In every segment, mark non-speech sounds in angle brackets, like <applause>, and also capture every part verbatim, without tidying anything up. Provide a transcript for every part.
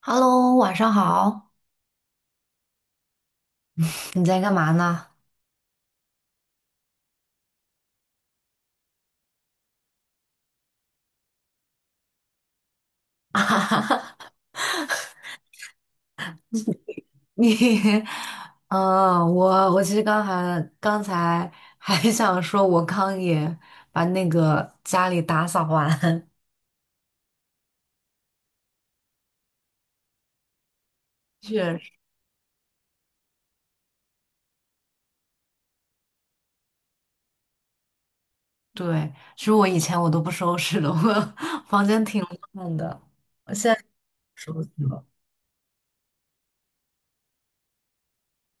Hello,晚上好。<laughs> 你在干嘛呢？<laughs> 啊你，嗯，我我其实刚还刚才还想说，我刚也把那个家里打扫完。<laughs> 确实，对，其实我以前我都不收拾的，我 <laughs> 房间挺乱的，我现在收拾了。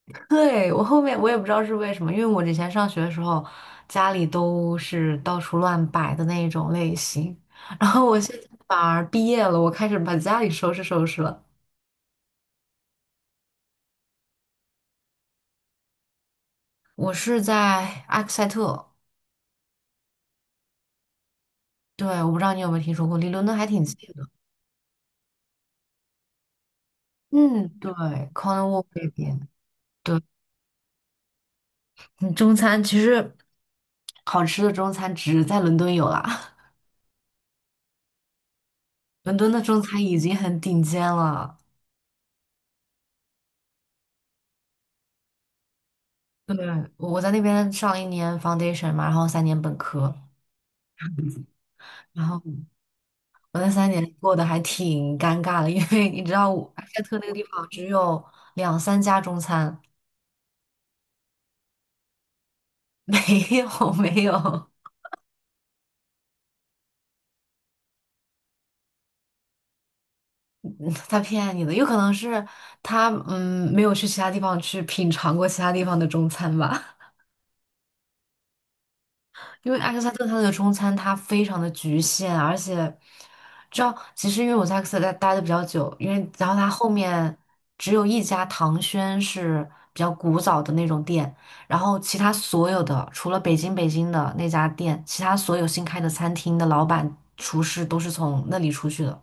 <laughs> 对，我后面我也不知道是为什么，因为我之前上学的时候，家里都是到处乱摆的那种类型，然后我现在反而毕业了，我开始把家里收拾收拾了。我是在埃克塞特，对，我不知道你有没有听说过，离伦敦还挺近的。嗯，对，Cornwall 那边，对，嗯中餐其实好吃的中餐只在伦敦有啦，<laughs> 伦敦的中餐已经很顶尖了。对，我在那边上了一年 foundation 嘛，然后三年本科。然后我那三年过得还挺尴尬的，因为你知道我埃塞特那个地方只有两三家中餐，<laughs> 没有没有，嗯他骗你的，有可能是他嗯没有去其他地方去品尝过其他地方的中餐吧。因为艾克萨特它的中餐它非常的局限，而且知道，其实因为我在艾克萨特待的比较久，因为然后它后面只有一家唐轩是比较古早的那种店，然后其他所有的除了北京北京的那家店，其他所有新开的餐厅的老板厨师都是从那里出去的，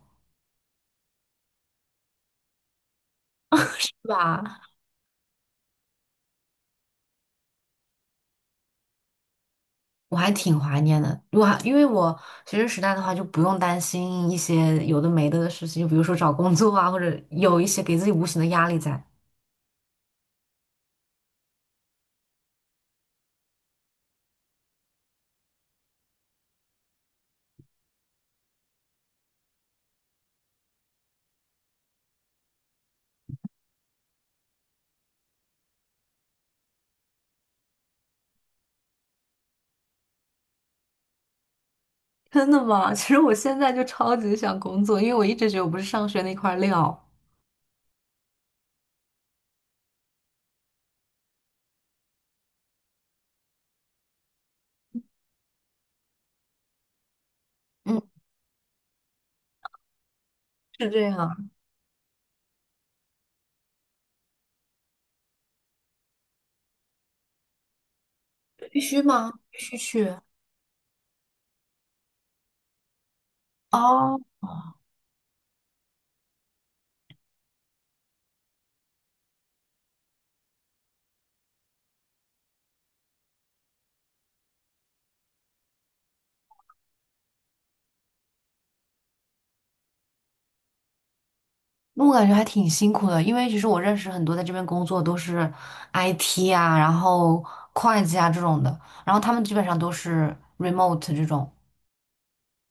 对吧？我还挺怀念的，我还因为我学生时代的话，就不用担心一些有的没的的事情，就比如说找工作啊，或者有一些给自己无形的压力在。<laughs> 真的吗？其实我现在就超级想工作，因为我一直觉得我不是上学那块料。嗯，是这样。必须吗？必须去。哦，那我感觉还挺辛苦的，因为其实我认识很多在这边工作都是 I T 啊，然后会计啊这种的，然后他们基本上都是 remote 这种。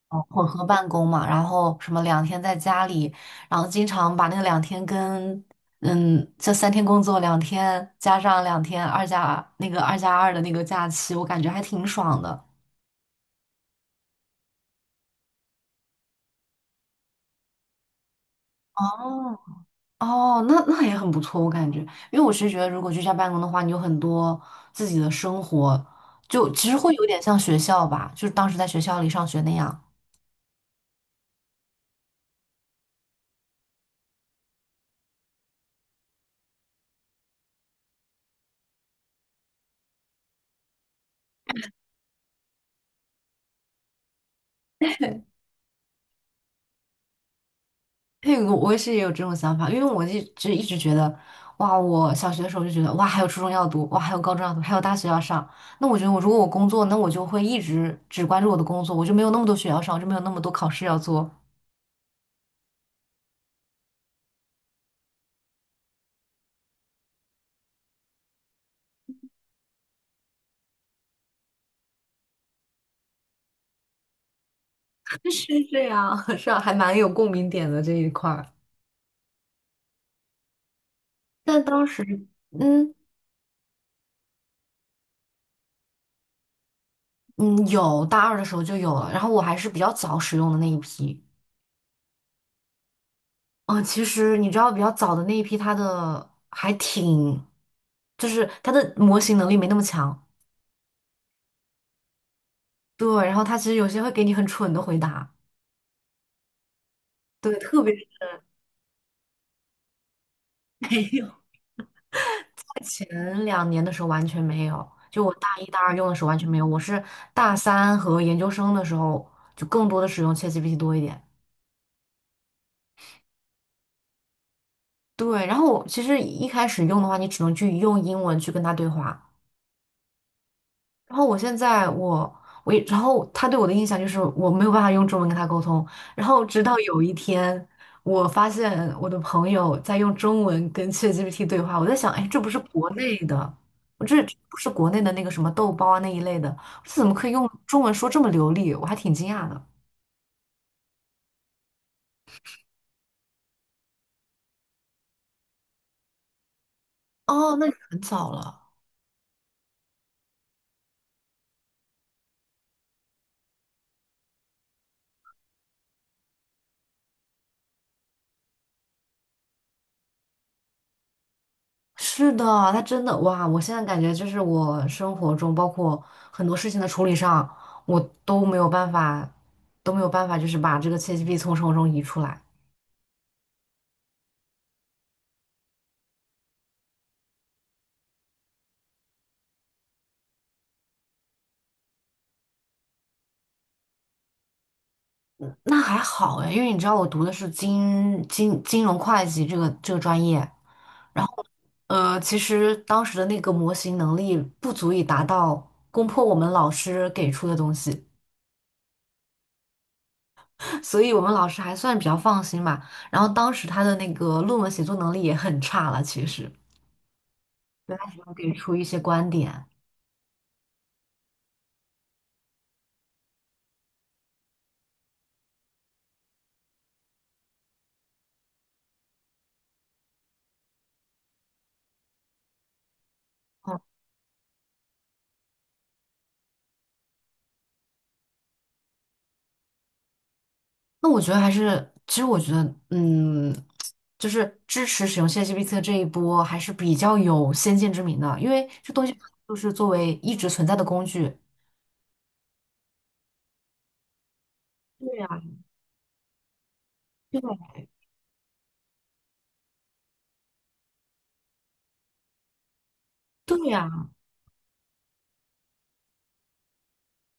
哦，混合办公嘛，然后什么两天在家里，然后经常把那个两天跟嗯，这三天工作，两天加上两天二加那个二加二的那个假期，我感觉还挺爽的。哦哦，那那也很不错，我感觉，因为我是觉得，如果居家办公的话，你有很多自己的生活，就其实会有点像学校吧，就是当时在学校里上学那样。对，我我也是也有这种想法，因为我一直一直觉得，哇，我小学的时候就觉得，哇，还有初中要读，哇，还有高中要读，还有大学要上。那我觉得我，如果我工作，那我就会一直只关注我的工作，我就没有那么多学校上，我就没有那么多考试要做。<laughs> 是这样，<laughs> 是啊，还蛮有共鸣点的这一块儿。但当时，嗯嗯，有大二的时候就有了，然后我还是比较早使用的那一批。嗯，其实你知道，比较早的那一批，它的还挺，就是它的模型能力没那么强。对，然后他其实有些会给你很蠢的回答，对，特别是 <laughs> 没有。<laughs> 前两年的时候完全没有，就我大一大二用的时候完全没有，我是大三和研究生的时候就更多的使用 ChatGPT 多一点。对，然后我其实一开始用的话，你只能去用英文去跟他对话，然后我现在我我一，然后他对我的印象就是我没有办法用中文跟他沟通。然后直到有一天，我发现我的朋友在用中文跟 ChatGPT 对话，我在想，哎，这不是国内的，我这这不是国内的那个什么豆包啊那一类的，这怎么可以用中文说这么流利？我还挺惊讶的。哦，那你很早了。是的，他真的哇！我现在感觉就是我生活中，包括很多事情的处理上，我都没有办法，都没有办法，就是把这个 c h a g p 从生活中移出来。那还好哎，因为你知道我读的是金金金融会计这个这个专业，然后呃，其实当时的那个模型能力不足以达到攻破我们老师给出的东西，<laughs> 所以我们老师还算比较放心吧。然后当时他的那个论文写作能力也很差了，其实。对，他只欢给出一些观点。嗯，那我觉得还是，其实我觉得，嗯，就是支持使用 c h a t 这一波还是比较有先见之明的，因为这东西就是作为一直存在的工具。对呀，对对呀，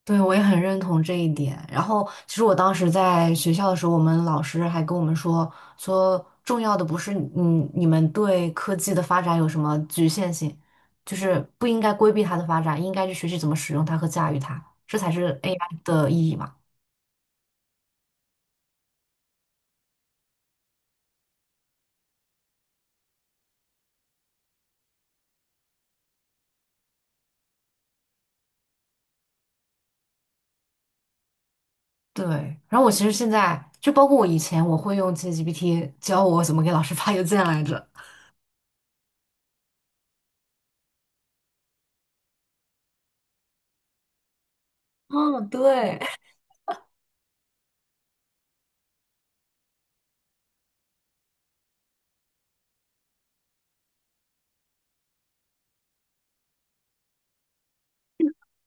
对，我也很认同这一点。然后，其实我当时在学校的时候，我们老师还跟我们说，说重要的不是嗯，你们对科技的发展有什么局限性，就是不应该规避它的发展，应该去学习怎么使用它和驾驭它，这才是 A I 的意义嘛。对。然后我其实现在就包括我以前，我会用 ChatGPT 教我怎么给老师发邮件来着。嗯，对，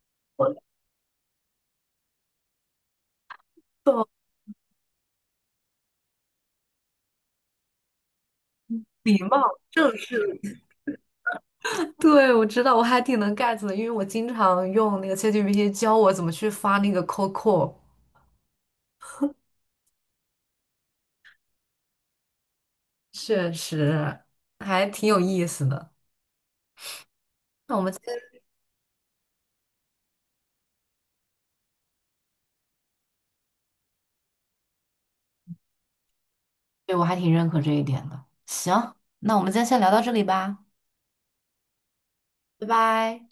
<laughs> 我懂，礼貌正式。对，我知道，我还挺能 get 的，因为我经常用那个 ChatGPT 教我怎么去发那个 COCO,确实还挺有意思的。那我们今天，对，我还挺认可这一点的。行，那我们今天先聊到这里吧，拜拜。